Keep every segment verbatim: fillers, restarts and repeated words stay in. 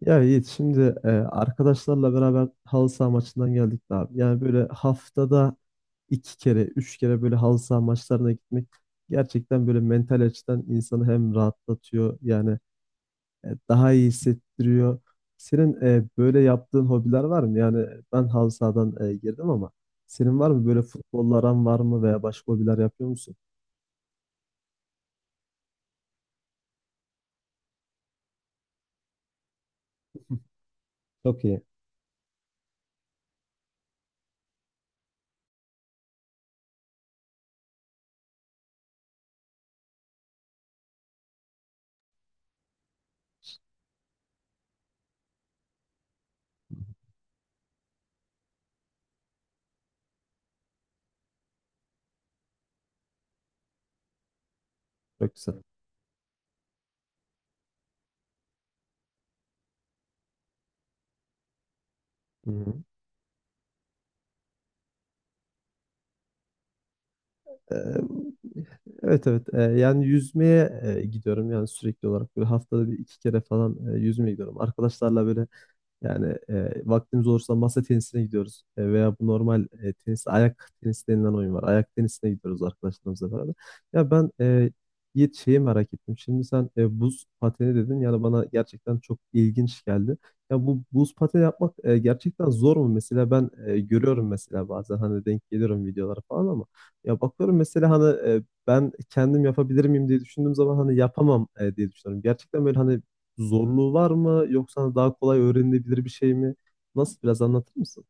Ya Yiğit şimdi e, arkadaşlarla beraber halı saha maçından geldik de abi. Yani böyle haftada iki kere, üç kere böyle halı saha maçlarına gitmek gerçekten böyle mental açıdan insanı hem rahatlatıyor yani e, daha iyi hissettiriyor. Senin e, böyle yaptığın hobiler var mı? Yani ben halı sahadan e, girdim ama senin var mı böyle futbolla aran var mı veya başka hobiler yapıyor musun? Çok iyi. Çok güzel. Ee, Evet, evet. Ee, yani yüzmeye e, gidiyorum yani sürekli olarak böyle haftada bir iki kere falan e, yüzmeye gidiyorum. Arkadaşlarla böyle yani e, vaktimiz olursa masa tenisine gidiyoruz. E, veya bu normal e, tenis, ayak tenisi denilen oyun var. Ayak tenisine gidiyoruz arkadaşlarımızla beraber. Ya ben e, Yiğit şeyi merak ettim. Şimdi sen e, buz pateni dedin. Yani bana gerçekten çok ilginç geldi. Ya bu buz pateni yapmak e, gerçekten zor mu? Mesela ben e, görüyorum mesela bazen hani denk geliyorum videolara falan ama ya bakıyorum mesela hani e, ben kendim yapabilir miyim diye düşündüğüm zaman hani yapamam e, diye düşünüyorum. Gerçekten böyle hani zorluğu var mı yoksa daha kolay öğrenilebilir bir şey mi? Nasıl biraz anlatır mısın?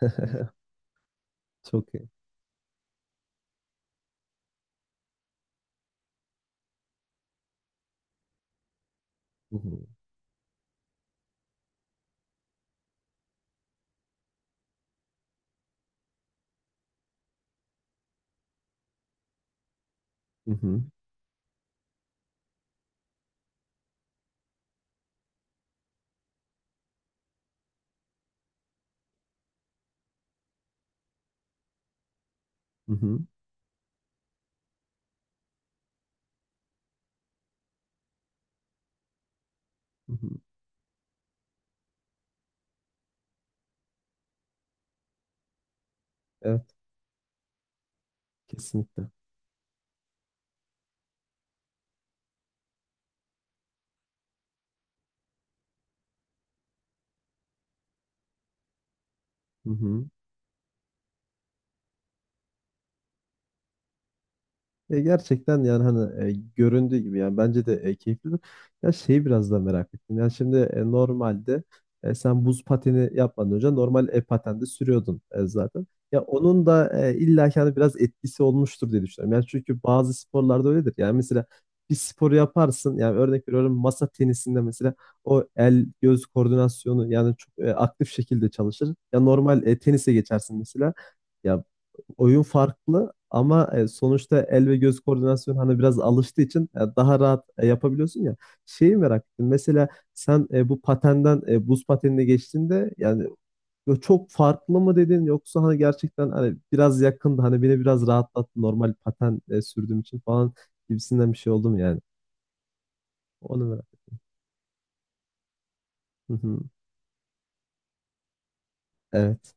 Çok iyi. Hı hı. Hı hı. Hı hı. Hı hı. Evet, kesinlikle. Hı hı. E, gerçekten yani hani e, göründüğü gibi yani bence de e, keyiflidir. Ya şeyi biraz da merak ettim. Yani şimdi e, normalde e, sen buz pateni yapmadan önce normal e, patende sürüyordun e, zaten. Ya onun da e, illa ki hani biraz etkisi olmuştur diye düşünüyorum. Yani çünkü bazı sporlarda öyledir. Yani mesela bir sporu yaparsın. Yani örnek veriyorum masa tenisinde mesela o el göz koordinasyonu yani çok e, aktif şekilde çalışır. Ya normal e, tenise geçersin mesela. Ya oyun farklı ama e, sonuçta el ve göz koordinasyonu hani biraz alıştığı için e, daha rahat e, yapabiliyorsun ya. Şeyi merak ettim. Mesela sen e, bu patenden e, buz patenine geçtiğinde yani böyle çok farklı mı dedin yoksa hani gerçekten hani biraz yakındı hani beni biraz rahatlattı normal paten e, sürdüğüm için falan gibisinden bir şey oldu mu yani? Onu merak. Hı hı. Evet.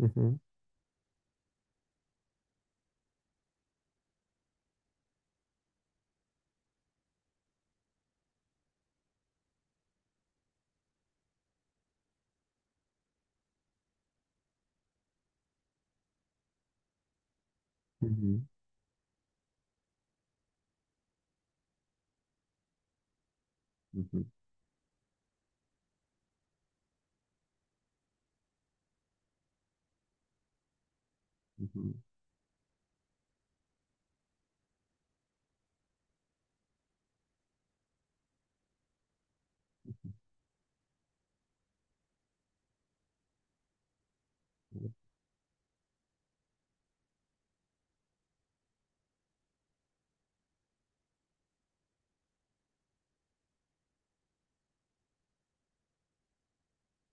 Hı hı. Hı hı. Hı hı. Hı hı.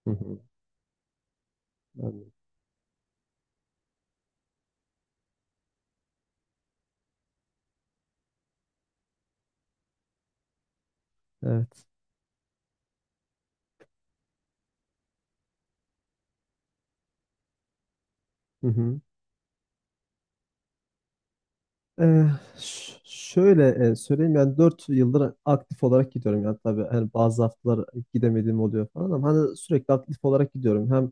Hı hı. Anladım. Evet. Hı hı. Ee, ş- Şöyle e, söyleyeyim yani dört yıldır aktif olarak gidiyorum yani tabii hani bazı haftalar gidemediğim oluyor falan ama hani sürekli aktif olarak gidiyorum hem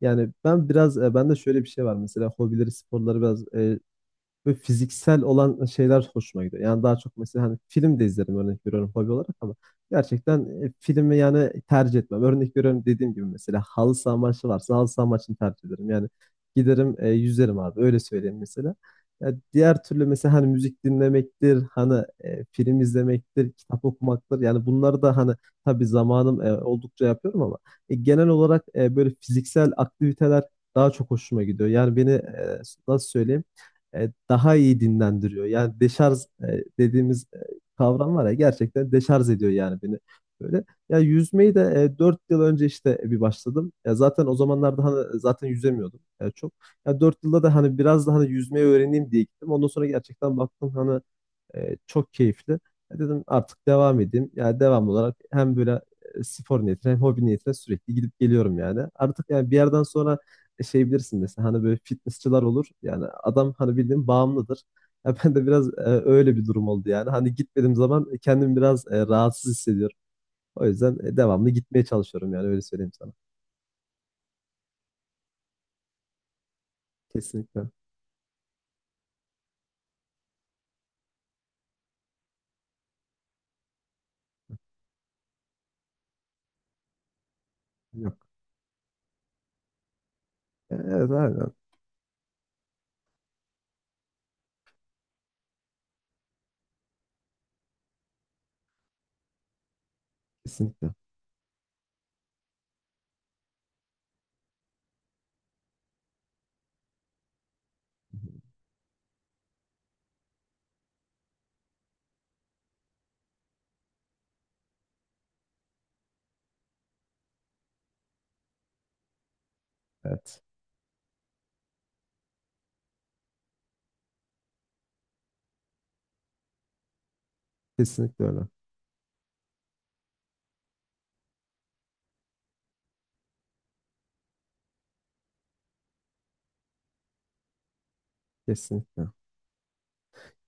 yani ben biraz e, bende şöyle bir şey var mesela hobileri sporları biraz eh, ve fiziksel olan şeyler hoşuma gidiyor. Yani daha çok mesela hani film de izlerim örnek veriyorum hobi olarak ama gerçekten e, filmi yani tercih etmem. Örnek veriyorum dediğim gibi mesela halı saha maçı varsa halı saha maçını tercih ederim. Yani giderim e, yüzerim abi öyle söyleyeyim mesela. Ya diğer türlü mesela hani müzik dinlemektir, hani e, film izlemektir, kitap okumaktır. Yani bunları da hani tabii zamanım e, oldukça yapıyorum ama e, genel olarak e, böyle fiziksel aktiviteler daha çok hoşuma gidiyor. Yani beni e, nasıl söyleyeyim? e, daha iyi dinlendiriyor. Yani deşarj e, dediğimiz e, kavram var ya gerçekten deşarj ediyor yani beni. Böyle ya yüzmeyi de e, dört yıl önce işte bir başladım. Ya zaten o zamanlarda hani e, zaten yüzemiyordum ya çok. Ya dört yılda da hani biraz da hani yüzmeyi öğreneyim diye gittim. Ondan sonra gerçekten baktım hani e, çok keyifli. E, Dedim artık devam edeyim. Yani devam olarak hem böyle e, spor niyetine hem hobi niyetine sürekli gidip geliyorum yani. Artık yani bir yerden sonra e, şey bilirsin mesela hani böyle fitnessçılar olur. Yani adam hani bildiğin bağımlıdır. Ya ben de biraz e, öyle bir durum oldu yani. Hani gitmediğim zaman e, kendimi biraz e, rahatsız hissediyorum. O yüzden e, devamlı gitmeye çalışıyorum yani öyle söyleyeyim sana. Kesinlikle. Yok. E, Evet aynen. Kesinlikle. Evet. Kesinlikle öyle. Kesinlikle.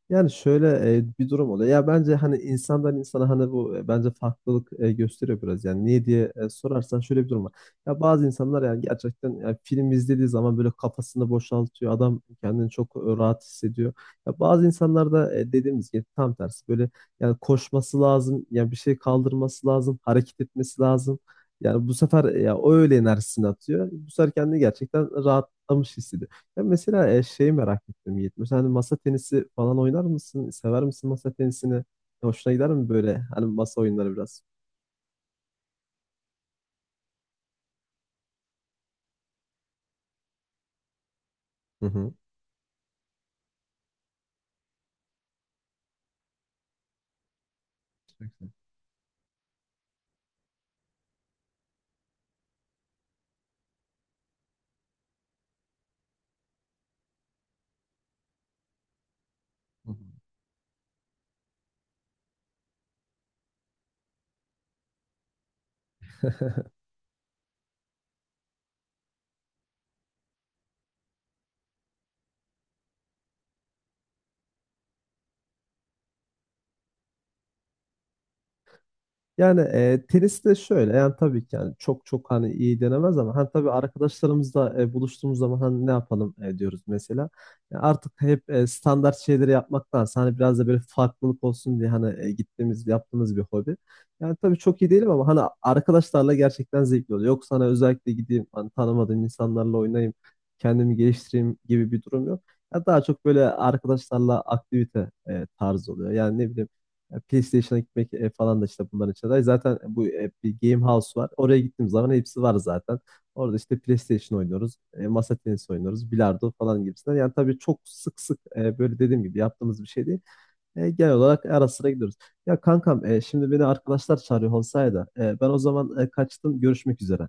Yani şöyle e, bir durum oluyor. Ya bence hani insandan insana hani bu e, bence farklılık e, gösteriyor biraz. Yani niye diye e, sorarsan şöyle bir durum var. Ya bazı insanlar yani gerçekten ya film izlediği zaman böyle kafasını boşaltıyor. Adam kendini çok e, rahat hissediyor. Ya bazı insanlar da e, dediğimiz gibi tam tersi böyle yani koşması lazım. Yani bir şey kaldırması lazım. Hareket etmesi lazım. Yani bu sefer e, ya o öyle enerjisini atıyor. Bu sefer kendini gerçekten rahatlamış hissediyor. Ben mesela e, şeyi merak ettim Yiğit. Mesela hani masa tenisi falan oynar mısın? Sever misin masa tenisini? Hoşuna gider mi böyle? Hani masa oyunları biraz. Hı hı. Çok güzel. Hı hı. Yani e, tenis de şöyle yani tabii ki yani çok çok hani iyi denemez ama hani tabii arkadaşlarımızla e, buluştuğumuz zaman hani ne yapalım e, diyoruz mesela. Yani artık hep e, standart şeyleri yapmaktansa hani biraz da böyle farklılık olsun diye hani e, gittiğimiz yaptığımız bir hobi. Yani tabii çok iyi değilim ama hani arkadaşlarla gerçekten zevkli oluyor. Yoksa hani özellikle gideyim hani tanımadığım insanlarla oynayayım kendimi geliştireyim gibi bir durum yok. Ya daha çok böyle arkadaşlarla aktivite e, tarzı oluyor. Yani ne bileyim ya PlayStation'a gitmek e, falan da işte bunların içinde var. Zaten bu e, bir Game House var. Oraya gittiğim zaman hepsi var zaten. Orada işte PlayStation oynuyoruz, e, masa tenisi oynuyoruz, bilardo falan gibisinden. Yani tabii çok sık sık e, böyle dediğim gibi yaptığımız bir şey değil. E, genel olarak ara sıra gidiyoruz. Ya kankam e, şimdi beni arkadaşlar çağırıyor olsaydı e, ben o zaman e, kaçtım. Görüşmek üzere.